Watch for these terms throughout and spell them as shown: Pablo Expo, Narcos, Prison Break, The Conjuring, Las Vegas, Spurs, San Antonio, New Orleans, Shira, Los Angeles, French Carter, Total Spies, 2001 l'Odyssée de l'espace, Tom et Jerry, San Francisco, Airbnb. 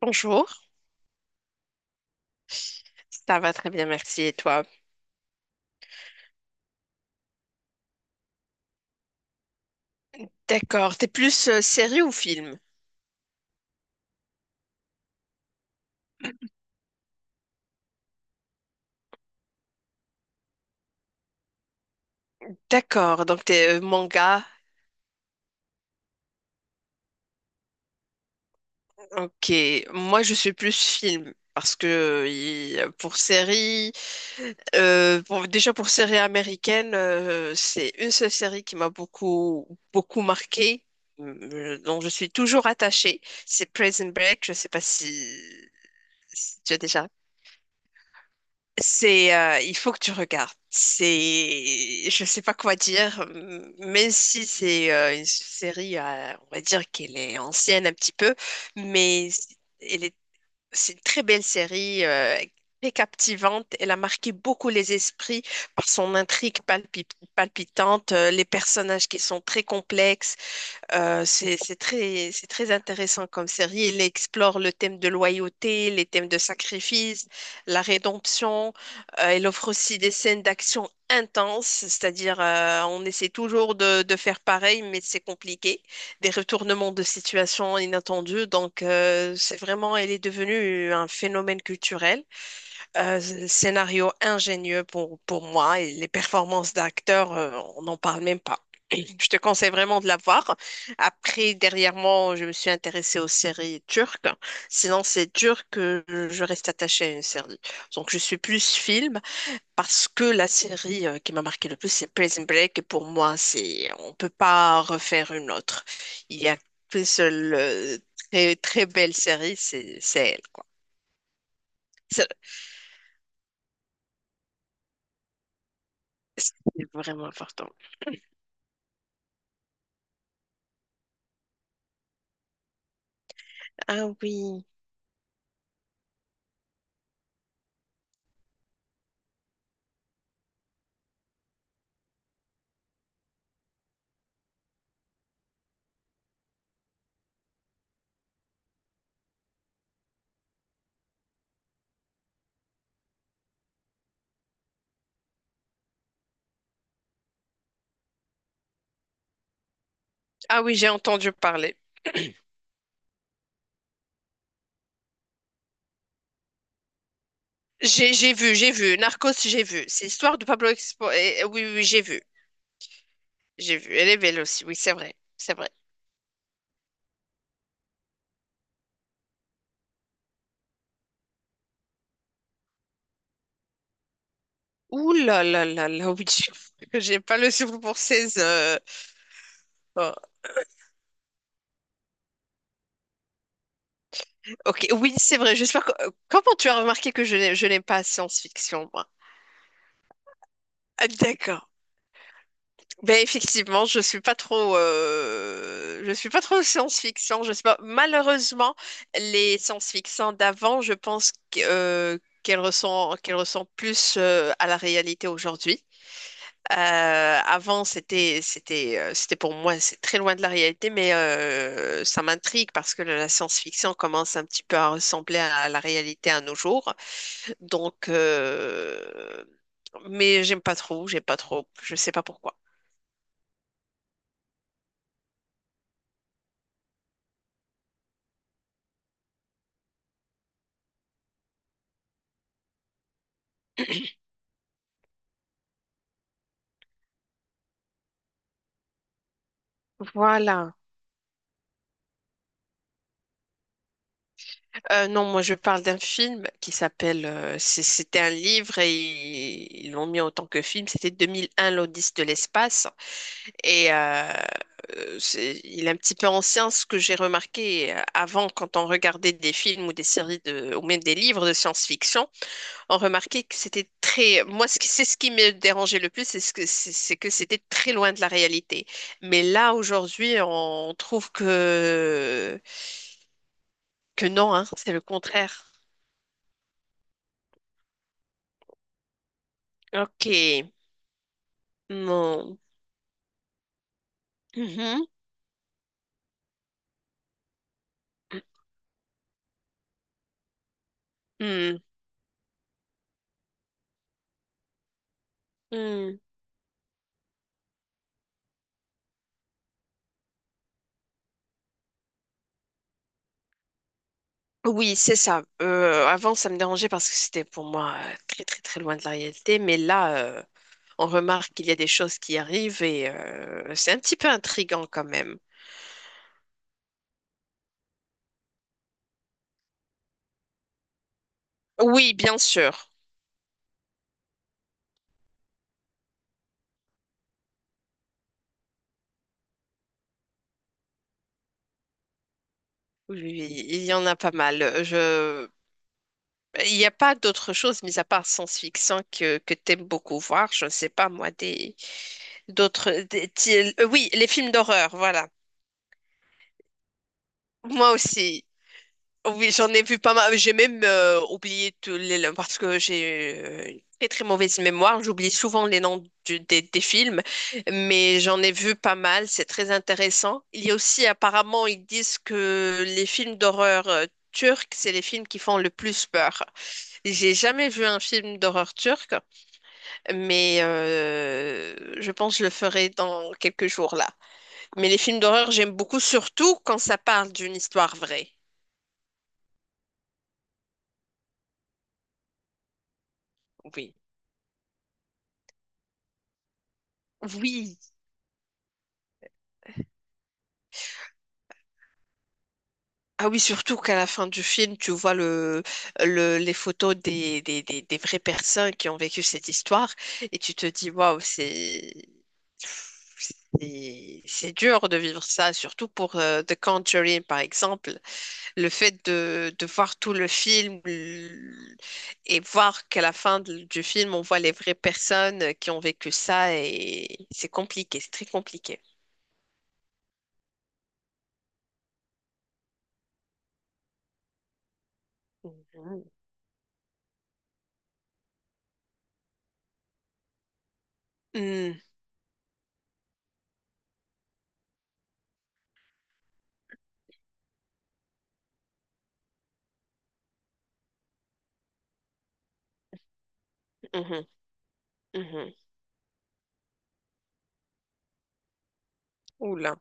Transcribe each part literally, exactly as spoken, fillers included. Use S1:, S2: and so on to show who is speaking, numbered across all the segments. S1: Bonjour, ça va très bien, merci. Et toi? D'accord, t'es plus euh, série ou film? D'accord, donc t'es euh, manga. Ok, moi je suis plus film parce que euh, il- pour série, euh, pour- déjà pour série américaine, euh, c'est une seule série qui m'a beaucoup beaucoup marquée, euh, dont je suis toujours attachée. C'est Prison Break. Je sais pas si, si tu as déjà. C'est, euh, il faut que tu regardes. C'est, je sais pas quoi dire, m- même si c'est euh, une série, euh, on va dire qu'elle est ancienne un petit peu, mais c- elle est, c'est une très belle série, euh, très captivante. Elle a marqué beaucoup les esprits par son intrigue palpi- palpitante, euh, les personnages qui sont très complexes, euh, c'est, c'est très, c'est très intéressant comme série. Il explore le thème de loyauté, les thèmes de sacrifice, la rédemption. Euh, il offre aussi des scènes d'action intenses, c'est-à-dire euh, on essaie toujours de, de faire pareil, mais c'est compliqué. Des retournements de situation inattendus. Donc euh, c'est vraiment, elle est devenue un phénomène culturel. Euh, scénario ingénieux pour, pour moi et les performances d'acteurs, euh, on n'en parle même pas. Je te conseille vraiment de la voir. Après, dernièrement, je me suis intéressée aux séries turques. Sinon, c'est dur que je reste attachée à une série. Donc, je suis plus film parce que la série euh, qui m'a marqué le plus, c'est Prison Break. Et pour moi, c'est on peut pas refaire une autre. Il y a qu'une seule euh, très, très belle série, c'est c'est elle, quoi. C'est c'est vraiment important. Ah oui. Ah oui, j'ai entendu parler. J'ai j'ai vu, j'ai vu. Narcos, j'ai vu. C'est l'histoire de Pablo Expo. eh, eh, oui, oui, oui, j'ai vu. J'ai vu. Elle est belle aussi. Oui, c'est vrai. C'est vrai. Ouh là là là là, oui. J'ai pas le souffle pour ces... euh, oh. Ok, oui, c'est vrai. J'espère que... euh, Comment tu as remarqué que je n'ai- je n'aime pas la science-fiction, moi? Ah, d'accord. Ben effectivement, je suis pas trop, euh, je suis pas trop science-fiction. Je sais pas. Malheureusement, les science-fiction d'avant, je pense que, euh, qu'elles ressemblent, qu'elles ressemblent plus euh, à la réalité aujourd'hui. Euh, avant, c'était, c'était, euh, c'était pour moi, c'est très loin de la réalité, mais euh, ça m'intrigue parce que la science-fiction commence un petit peu à ressembler à la réalité à nos jours. Donc, euh, mais j'aime pas trop, j'aime pas trop. Je sais pas pourquoi. Voilà. Euh, non, moi je parle d'un film qui s'appelle, euh, c'est- c'était un livre et ils ils l'ont mis en tant que film, c'était deux mille un l'Odyssée de l'espace. Et euh, euh, c'est- il est un petit peu ancien, ce que j'ai remarqué euh, avant quand on regardait des films ou des séries de, ou même des livres de science-fiction, on remarquait que c'était très, moi ce qui- c'est ce qui me dérangeait le plus, c'est ce que c'est c'est que c'était très loin de la réalité. Mais là aujourd'hui, on trouve que que non, hein, c'est le contraire. Ok. Non. Mhm. Hmm. Hmm. Oui, c'est ça. Euh, avant, ça me dérangeait parce que c'était pour moi euh, très, très, très loin de la réalité. Mais là, euh, on remarque qu'il y a des choses qui arrivent et euh, c'est un petit peu intriguant quand même. Oui, bien sûr. Oui, oui, il y en a pas mal. Je... Il n'y a pas d'autre chose, mis à part science-fiction, que, que t'aimes beaucoup voir. Je ne sais pas, moi, des... d'autres... des- ti- euh, Oui, les films d'horreur, voilà. Moi aussi. Oui, j'en ai vu pas mal. J'ai même euh, oublié tous les noms parce que j'ai euh, une très très mauvaise mémoire. J'oublie souvent les noms du- des, des films, mais j'en ai vu pas mal. C'est très intéressant. Il y a aussi apparemment, ils disent que les films d'horreur euh, turcs, c'est les films qui font le plus peur. J'ai jamais vu un film d'horreur turc, mais euh, je pense que je le ferai dans quelques jours là. Mais les films d'horreur, j'aime beaucoup, surtout quand ça parle d'une histoire vraie. Oui. Oui. Ah oui, surtout qu'à la fin du film, tu vois le, le- les photos des, des, des, des vraies personnes qui ont vécu cette histoire et tu te dis, waouh, c'est, c'est c'est dur de vivre ça, surtout pour euh, The Conjuring, par exemple. Le fait de, de voir tout le film l- et voir qu'à la fin de- du film, on voit les vraies personnes qui ont vécu ça et c'est compliqué, c'est très compliqué. Mhm. Mhm, mhm, mhm. Oula.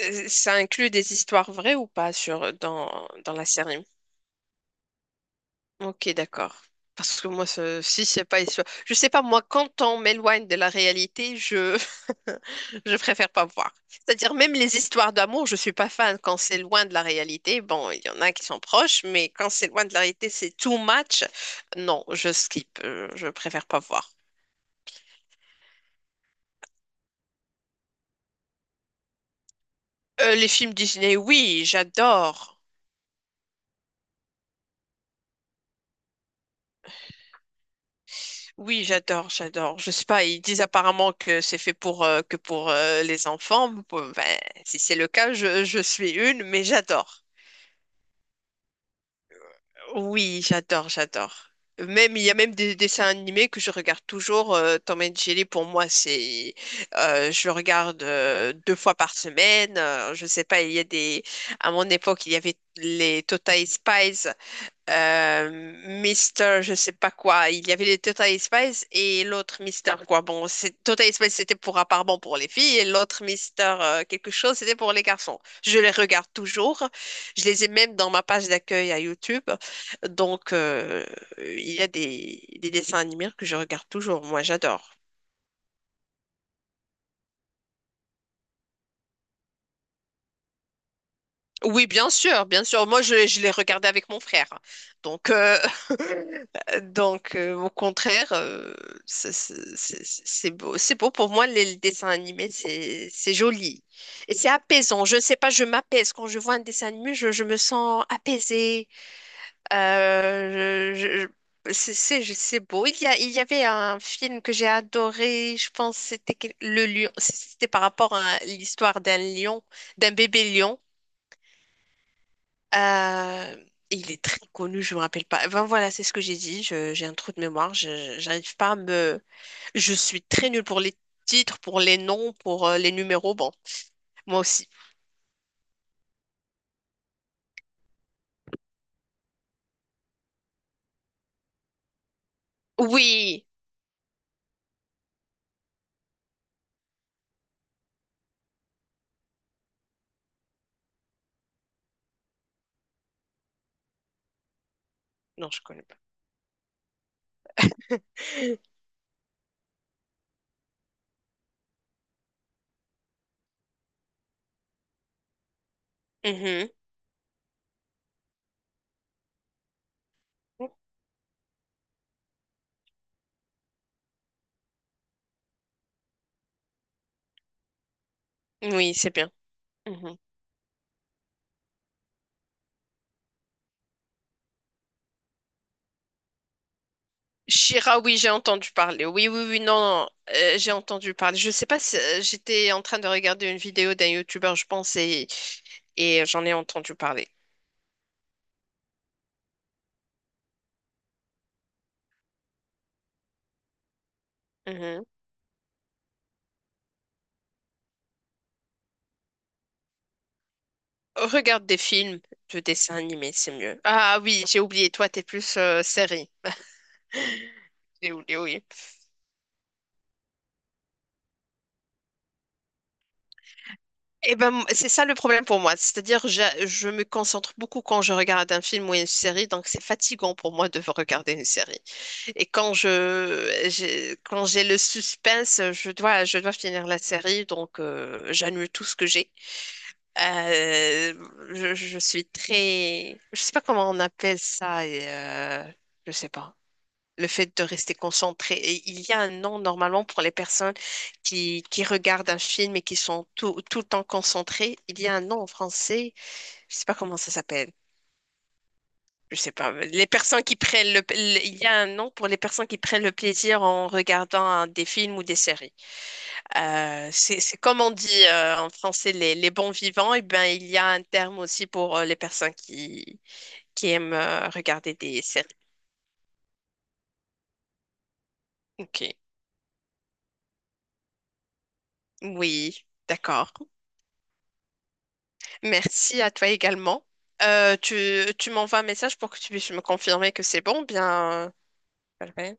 S1: Euh, Ça inclut des histoires vraies ou pas sur dans, dans la série? Ok, d'accord. Parce que moi, ce- si c'est pas histoire, je sais pas moi. Quand on m'éloigne de la réalité, je je préfère pas voir. C'est-à-dire même les histoires d'amour, je suis pas fan quand c'est loin de la réalité. Bon, il y en a qui sont proches, mais quand c'est loin de la réalité, c'est too much. Non, je skip. Euh, Je préfère pas voir. Euh, les films Disney, oui, j'adore. Oui, j'adore, j'adore. Je sais pas, ils disent apparemment que c'est fait pour euh, que pour euh, les enfants. Bon, ben, si c'est le cas, je, je suis une, mais j'adore. Oui, j'adore, j'adore. Même il y a même des dessins animés que je regarde toujours. euh, Tom et Jerry pour moi, c'est euh, je le regarde euh, deux fois par semaine. Euh, je sais pas, il y a des à mon époque il y avait les Total Spies euh, Mister, je sais pas quoi. Il y avait les Total Spice et l'autre Mister quoi. Bon, c'est- Total Spice c'était pour à part bon pour les filles et l'autre Mister euh, quelque chose c'était pour les garçons. Je les regarde toujours. Je les ai même dans ma page d'accueil à YouTube. Donc euh, il y a des, des dessins animés que je regarde toujours. Moi, j'adore. Oui, bien sûr, bien sûr. Moi, je, je les regardais avec mon frère. Donc, euh, donc, euh, au contraire, euh, c'est c'est- c'est- c'est beau. C'est beau pour moi, les, les dessins animés, c'est c'est joli. Et c'est apaisant. Je ne sais pas, je m'apaise. Quand je vois un dessin animé, je, je me sens apaisée. Euh, je- je- c'est c'est- je- c'est beau. Il y a, il y avait un film que j'ai adoré. Je pense que c'était quel- le lion. C'était par rapport à l'histoire d'un lion, d'un bébé lion. Euh, il est très connu, je me rappelle pas. Ben voilà, c'est ce que j'ai dit. Je- j'ai un trou de mémoire. Je, j'arrive pas à me. Je suis très nulle pour les titres, pour les noms, pour euh, les numéros. Bon, moi aussi. Oui. Non, je connais pas. Mhm. Oui, c'est bien. Mhm. Shira, oui, j'ai entendu parler. Oui, oui, oui, non, non, euh, j'ai entendu parler. Je sais pas si euh, j'étais en train de regarder une vidéo d'un youtubeur, je pense, et, et j'en ai entendu parler. Mhm. Regarde des films de dessins animés, c'est mieux. Ah oui, j'ai oublié, toi, t'es plus euh, série. J'ai oublié, oui. Et ben, m- c'est ça le problème pour moi. C'est-à-dire, j'a- je me concentre beaucoup quand je regarde un film ou une série, donc c'est fatigant pour moi de regarder une série. Et quand je, j'ai, quand j'ai le suspense, je dois, je dois finir la série, donc euh, j'annule tout ce que j'ai. Euh, je, je suis très, je sais pas comment on appelle ça, et, euh, je sais pas. Le fait de rester concentré. Et il y a un nom normalement pour les personnes qui, qui regardent un film et qui sont tout, tout le temps concentrées. Il y a un nom en français, je sais pas comment ça s'appelle. Je sais pas. Les personnes qui prennent le, le- il y a un nom pour les personnes qui prennent le plaisir en regardant un- des films ou des séries. Euh, c'est, c'est comme on dit euh, en français les, les bons vivants. Et ben il y a un terme aussi pour euh, les personnes qui qui aiment euh, regarder des séries. Ok. Oui, d'accord. Merci à toi également. Euh, tu tu m'envoies un message pour que tu puisses me confirmer que c'est bon, bien. Euh, voilà.